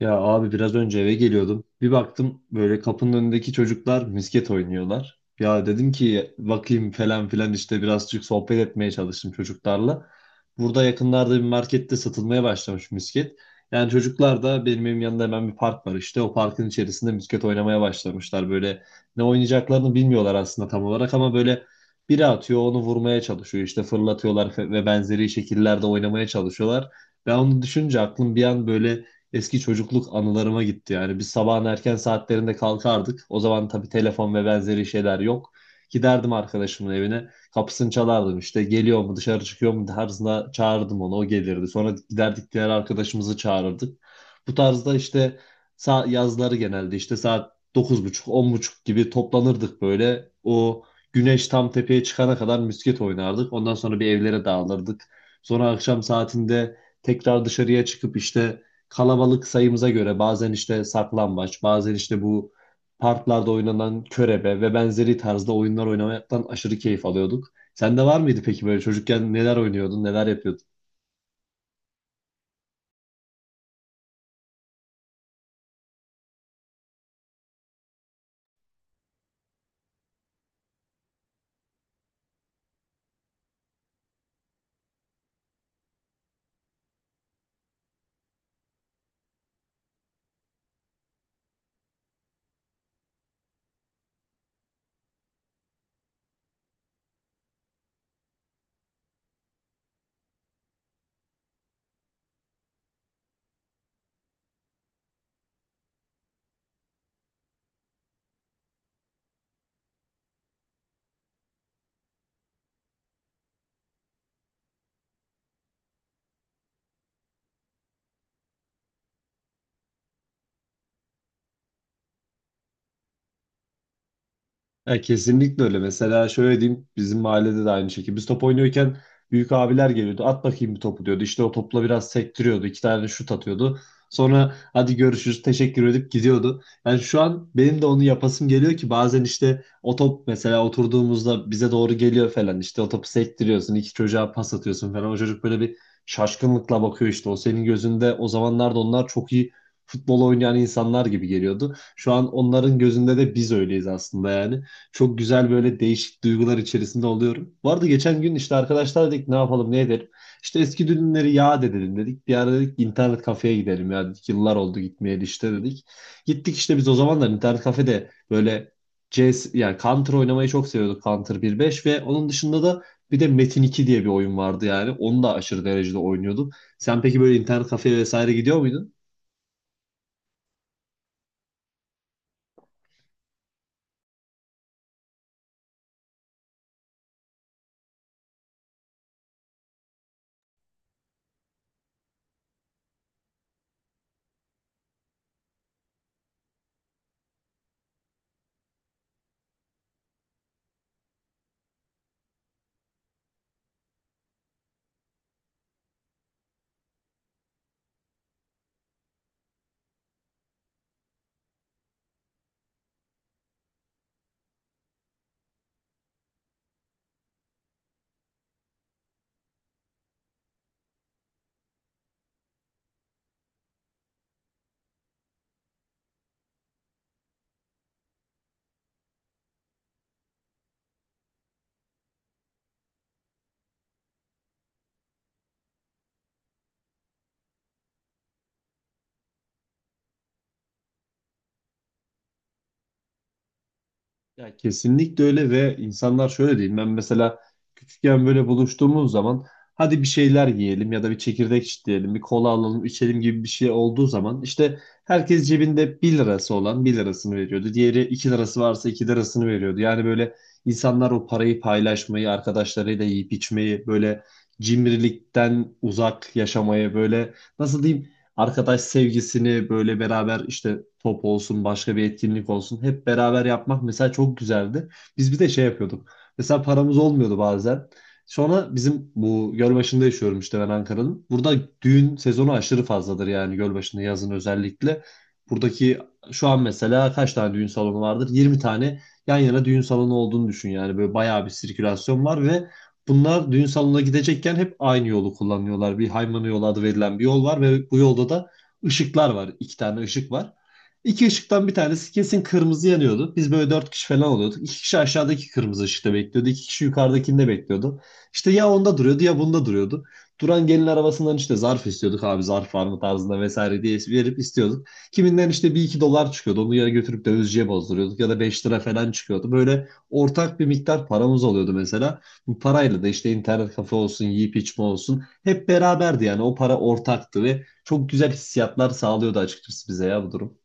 Ya abi biraz önce eve geliyordum. Bir baktım böyle kapının önündeki çocuklar misket oynuyorlar. Ya dedim ki bakayım falan filan işte birazcık sohbet etmeye çalıştım çocuklarla. Burada yakınlarda bir markette satılmaya başlamış misket. Yani çocuklar da benim evim yanında hemen bir park var işte. O parkın içerisinde misket oynamaya başlamışlar. Böyle ne oynayacaklarını bilmiyorlar aslında tam olarak ama böyle biri atıyor onu vurmaya çalışıyor. İşte fırlatıyorlar ve benzeri şekillerde oynamaya çalışıyorlar. Ben onu düşünce aklım bir an böyle eski çocukluk anılarıma gitti. Yani biz sabahın erken saatlerinde kalkardık. O zaman tabii telefon ve benzeri şeyler yok. Giderdim arkadaşımın evine. Kapısını çalardım işte geliyor mu dışarı çıkıyor mu tarzında çağırdım onu, o gelirdi. Sonra giderdik diğer arkadaşımızı çağırırdık. Bu tarzda işte yazları genelde işte saat 9.30 10.30 gibi toplanırdık böyle. O güneş tam tepeye çıkana kadar misket oynardık. Ondan sonra bir evlere dağılırdık. Sonra akşam saatinde tekrar dışarıya çıkıp işte kalabalık sayımıza göre bazen işte saklambaç, bazen işte bu parklarda oynanan körebe ve benzeri tarzda oyunlar oynamaktan aşırı keyif alıyorduk. Sende var mıydı peki böyle çocukken neler oynuyordun, neler yapıyordun? Ya kesinlikle öyle. Mesela şöyle diyeyim, bizim mahallede de aynı şekilde. Biz top oynuyorken büyük abiler geliyordu. At bakayım bir topu diyordu. İşte o topla biraz sektiriyordu. İki tane şut atıyordu. Sonra hadi görüşürüz teşekkür edip gidiyordu. Yani şu an benim de onu yapasım geliyor ki bazen işte o top mesela oturduğumuzda bize doğru geliyor falan. İşte o topu sektiriyorsun. İki çocuğa pas atıyorsun falan. O çocuk böyle bir şaşkınlıkla bakıyor işte. O senin gözünde o zamanlarda onlar çok iyi futbol oynayan insanlar gibi geliyordu. Şu an onların gözünde de biz öyleyiz aslında yani. Çok güzel böyle değişik duygular içerisinde oluyorum. Vardı geçen gün işte arkadaşlar dedik ne yapalım ne edelim. İşte eski düğünleri yad edelim dedik. Bir ara dedik internet kafeye gidelim ya dedik. Yıllar oldu gitmeyeli işte dedik. Gittik işte, biz o zamanlar internet kafede böyle CS yani Counter oynamayı çok seviyorduk, Counter 1.5. Ve onun dışında da bir de Metin 2 diye bir oyun vardı yani. Onu da aşırı derecede oynuyorduk. Sen peki böyle internet kafeye vesaire gidiyor muydun? Ya kesinlikle öyle ve insanlar şöyle değil. Ben mesela küçükken böyle buluştuğumuz zaman hadi bir şeyler yiyelim ya da bir çekirdek çitleyelim, bir kola alalım, içelim gibi bir şey olduğu zaman işte herkes cebinde bir lirası olan bir lirasını veriyordu. Diğeri 2 lirası varsa 2 lirasını veriyordu. Yani böyle insanlar o parayı paylaşmayı, arkadaşlarıyla yiyip içmeyi, böyle cimrilikten uzak yaşamayı, böyle nasıl diyeyim, arkadaş sevgisini böyle beraber işte top olsun başka bir etkinlik olsun hep beraber yapmak mesela çok güzeldi. Biz bir de şey yapıyorduk. Mesela paramız olmuyordu bazen. Sonra bizim bu Gölbaşı'nda yaşıyorum işte, ben Ankara'nın. Burada düğün sezonu aşırı fazladır yani Gölbaşı'nda yazın özellikle. Buradaki şu an mesela kaç tane düğün salonu vardır? 20 tane yan yana düğün salonu olduğunu düşün yani, böyle bayağı bir sirkülasyon var ve bunlar düğün salonuna gidecekken hep aynı yolu kullanıyorlar. Bir Haymana yolu adı verilen bir yol var ve bu yolda da ışıklar var. İki tane ışık var. İki ışıktan bir tanesi kesin kırmızı yanıyordu. Biz böyle dört kişi falan oluyorduk. İki kişi aşağıdaki kırmızı ışıkta bekliyordu. İki kişi yukarıdakinde bekliyordu. İşte ya onda duruyordu ya bunda duruyordu. Duran gelin arabasından işte zarf istiyorduk, abi zarf var mı tarzında vesaire diye verip istiyorduk. Kiminden işte bir iki dolar çıkıyordu. Onu ya götürüp dövizciye bozduruyorduk ya da 5 lira falan çıkıyordu. Böyle ortak bir miktar paramız oluyordu mesela. Bu parayla da işte internet kafe olsun, yiyip içme olsun hep beraberdi yani. O para ortaktı ve çok güzel hissiyatlar sağlıyordu açıkçası bize ya bu durum.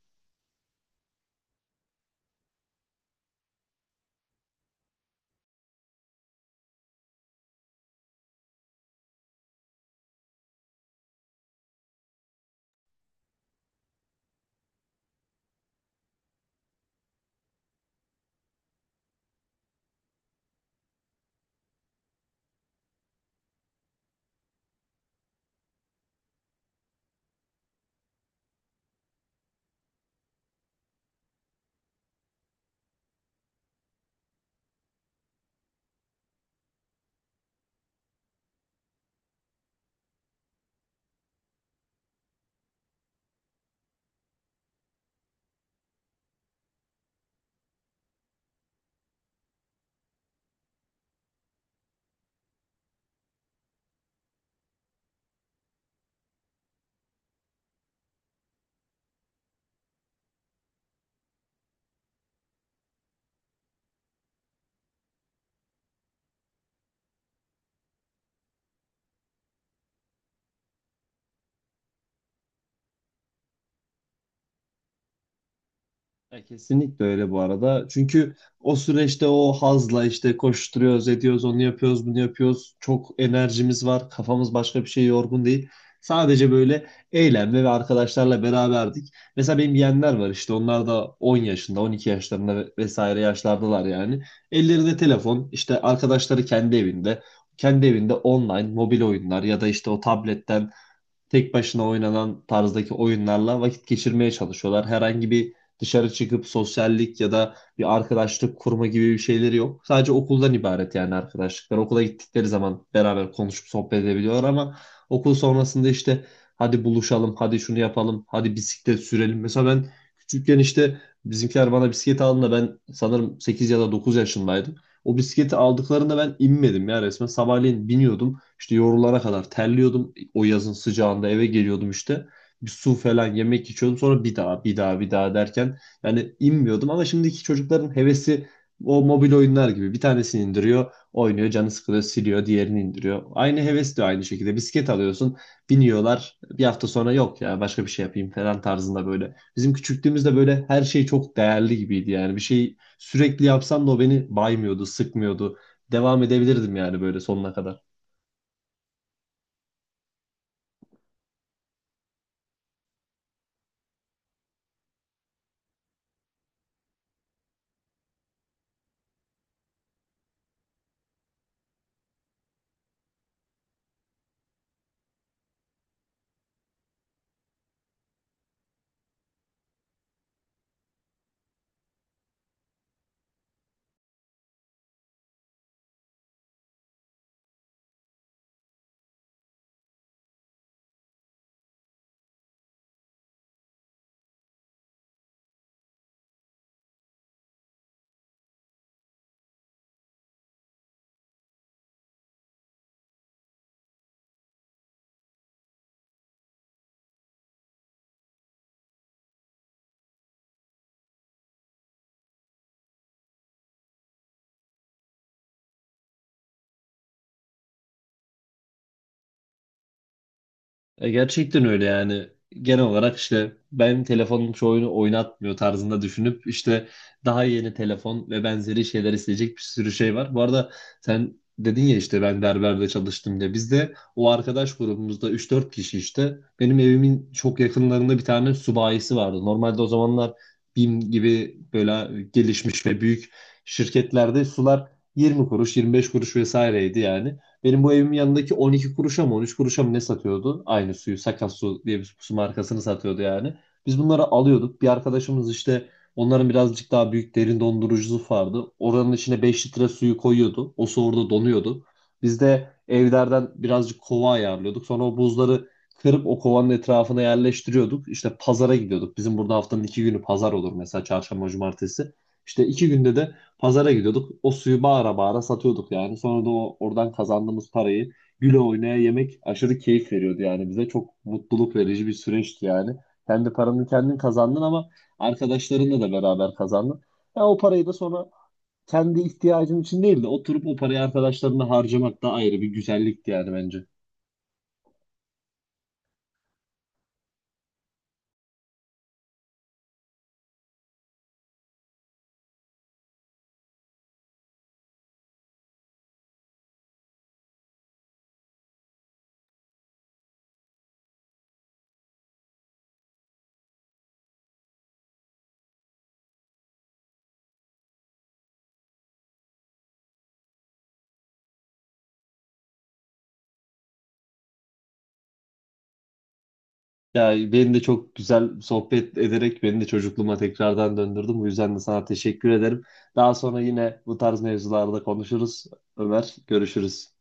Ya kesinlikle öyle bu arada. Çünkü o süreçte o hazla işte koşturuyoruz, ediyoruz, onu yapıyoruz, bunu yapıyoruz. Çok enerjimiz var, kafamız başka bir şey yorgun değil. Sadece böyle eğlenme ve arkadaşlarla beraberdik. Mesela benim yeğenler var işte, onlar da 10 yaşında, 12 yaşlarında vesaire yaşlardalar yani. Ellerinde telefon, işte arkadaşları kendi evinde. Kendi evinde online mobil oyunlar ya da işte o tabletten tek başına oynanan tarzdaki oyunlarla vakit geçirmeye çalışıyorlar. Herhangi bir dışarı çıkıp sosyallik ya da bir arkadaşlık kurma gibi bir şeyleri yok. Sadece okuldan ibaret yani arkadaşlıklar. Okula gittikleri zaman beraber konuşup sohbet edebiliyorlar ama okul sonrasında işte hadi buluşalım, hadi şunu yapalım, hadi bisiklet sürelim. Mesela ben küçükken işte bizimkiler bana bisiklet aldığında ben sanırım 8 ya da 9 yaşındaydım. O bisikleti aldıklarında ben inmedim ya resmen. Sabahleyin biniyordum. İşte yorulara kadar terliyordum o yazın sıcağında, eve geliyordum işte. Bir su falan yemek içiyordum. Sonra bir daha bir daha bir daha derken yani inmiyordum ama şimdiki çocukların hevesi o mobil oyunlar gibi. Bir tanesini indiriyor, oynuyor, canı sıkılıyor, siliyor, diğerini indiriyor. Aynı heves de aynı şekilde. Bisiklet alıyorsun, biniyorlar. Bir hafta sonra yok ya başka bir şey yapayım falan tarzında böyle. Bizim küçüklüğümüzde böyle her şey çok değerli gibiydi yani. Bir şey sürekli yapsam da o beni baymıyordu, sıkmıyordu. Devam edebilirdim yani böyle sonuna kadar. E, gerçekten öyle yani. Genel olarak işte benim telefonum şu oyunu oynatmıyor tarzında düşünüp işte daha yeni telefon ve benzeri şeyler isteyecek bir sürü şey var. Bu arada sen dedin ya işte ben berberde çalıştım diye. Biz de o arkadaş grubumuzda üç dört kişi, işte benim evimin çok yakınlarında bir tane subayisi vardı. Normalde o zamanlar BİM gibi böyle gelişmiş ve büyük şirketlerde sular 20 kuruş, 25 kuruş vesaireydi yani. Benim bu evimin yanındaki 12 kuruşa mı 13 kuruşa mı ne satıyordu? Aynı suyu Sakat Su diye bir su markasını satıyordu yani. Biz bunları alıyorduk. Bir arkadaşımız işte, onların birazcık daha büyük derin dondurucusu vardı. Oranın içine 5 litre suyu koyuyordu. O su orada donuyordu. Biz de evlerden birazcık kova ayarlıyorduk. Sonra o buzları kırıp o kovanın etrafına yerleştiriyorduk. İşte pazara gidiyorduk. Bizim burada haftanın iki günü pazar olur mesela, çarşamba, cumartesi. İşte iki günde de pazara gidiyorduk. O suyu bağıra bağıra satıyorduk yani. Sonra da o oradan kazandığımız parayı güle oynaya yemek aşırı keyif veriyordu yani bize. Çok mutluluk verici bir süreçti yani. Kendi paranı kendin kazandın ama arkadaşlarınla da beraber kazandın. Ya o parayı da sonra kendi ihtiyacın için değil de oturup o parayı arkadaşlarına harcamak da ayrı bir güzellikti yani bence. Ya beni de çok güzel sohbet ederek beni de çocukluğuma tekrardan döndürdün. Bu yüzden de sana teşekkür ederim. Daha sonra yine bu tarz mevzularda konuşuruz. Ömer, görüşürüz.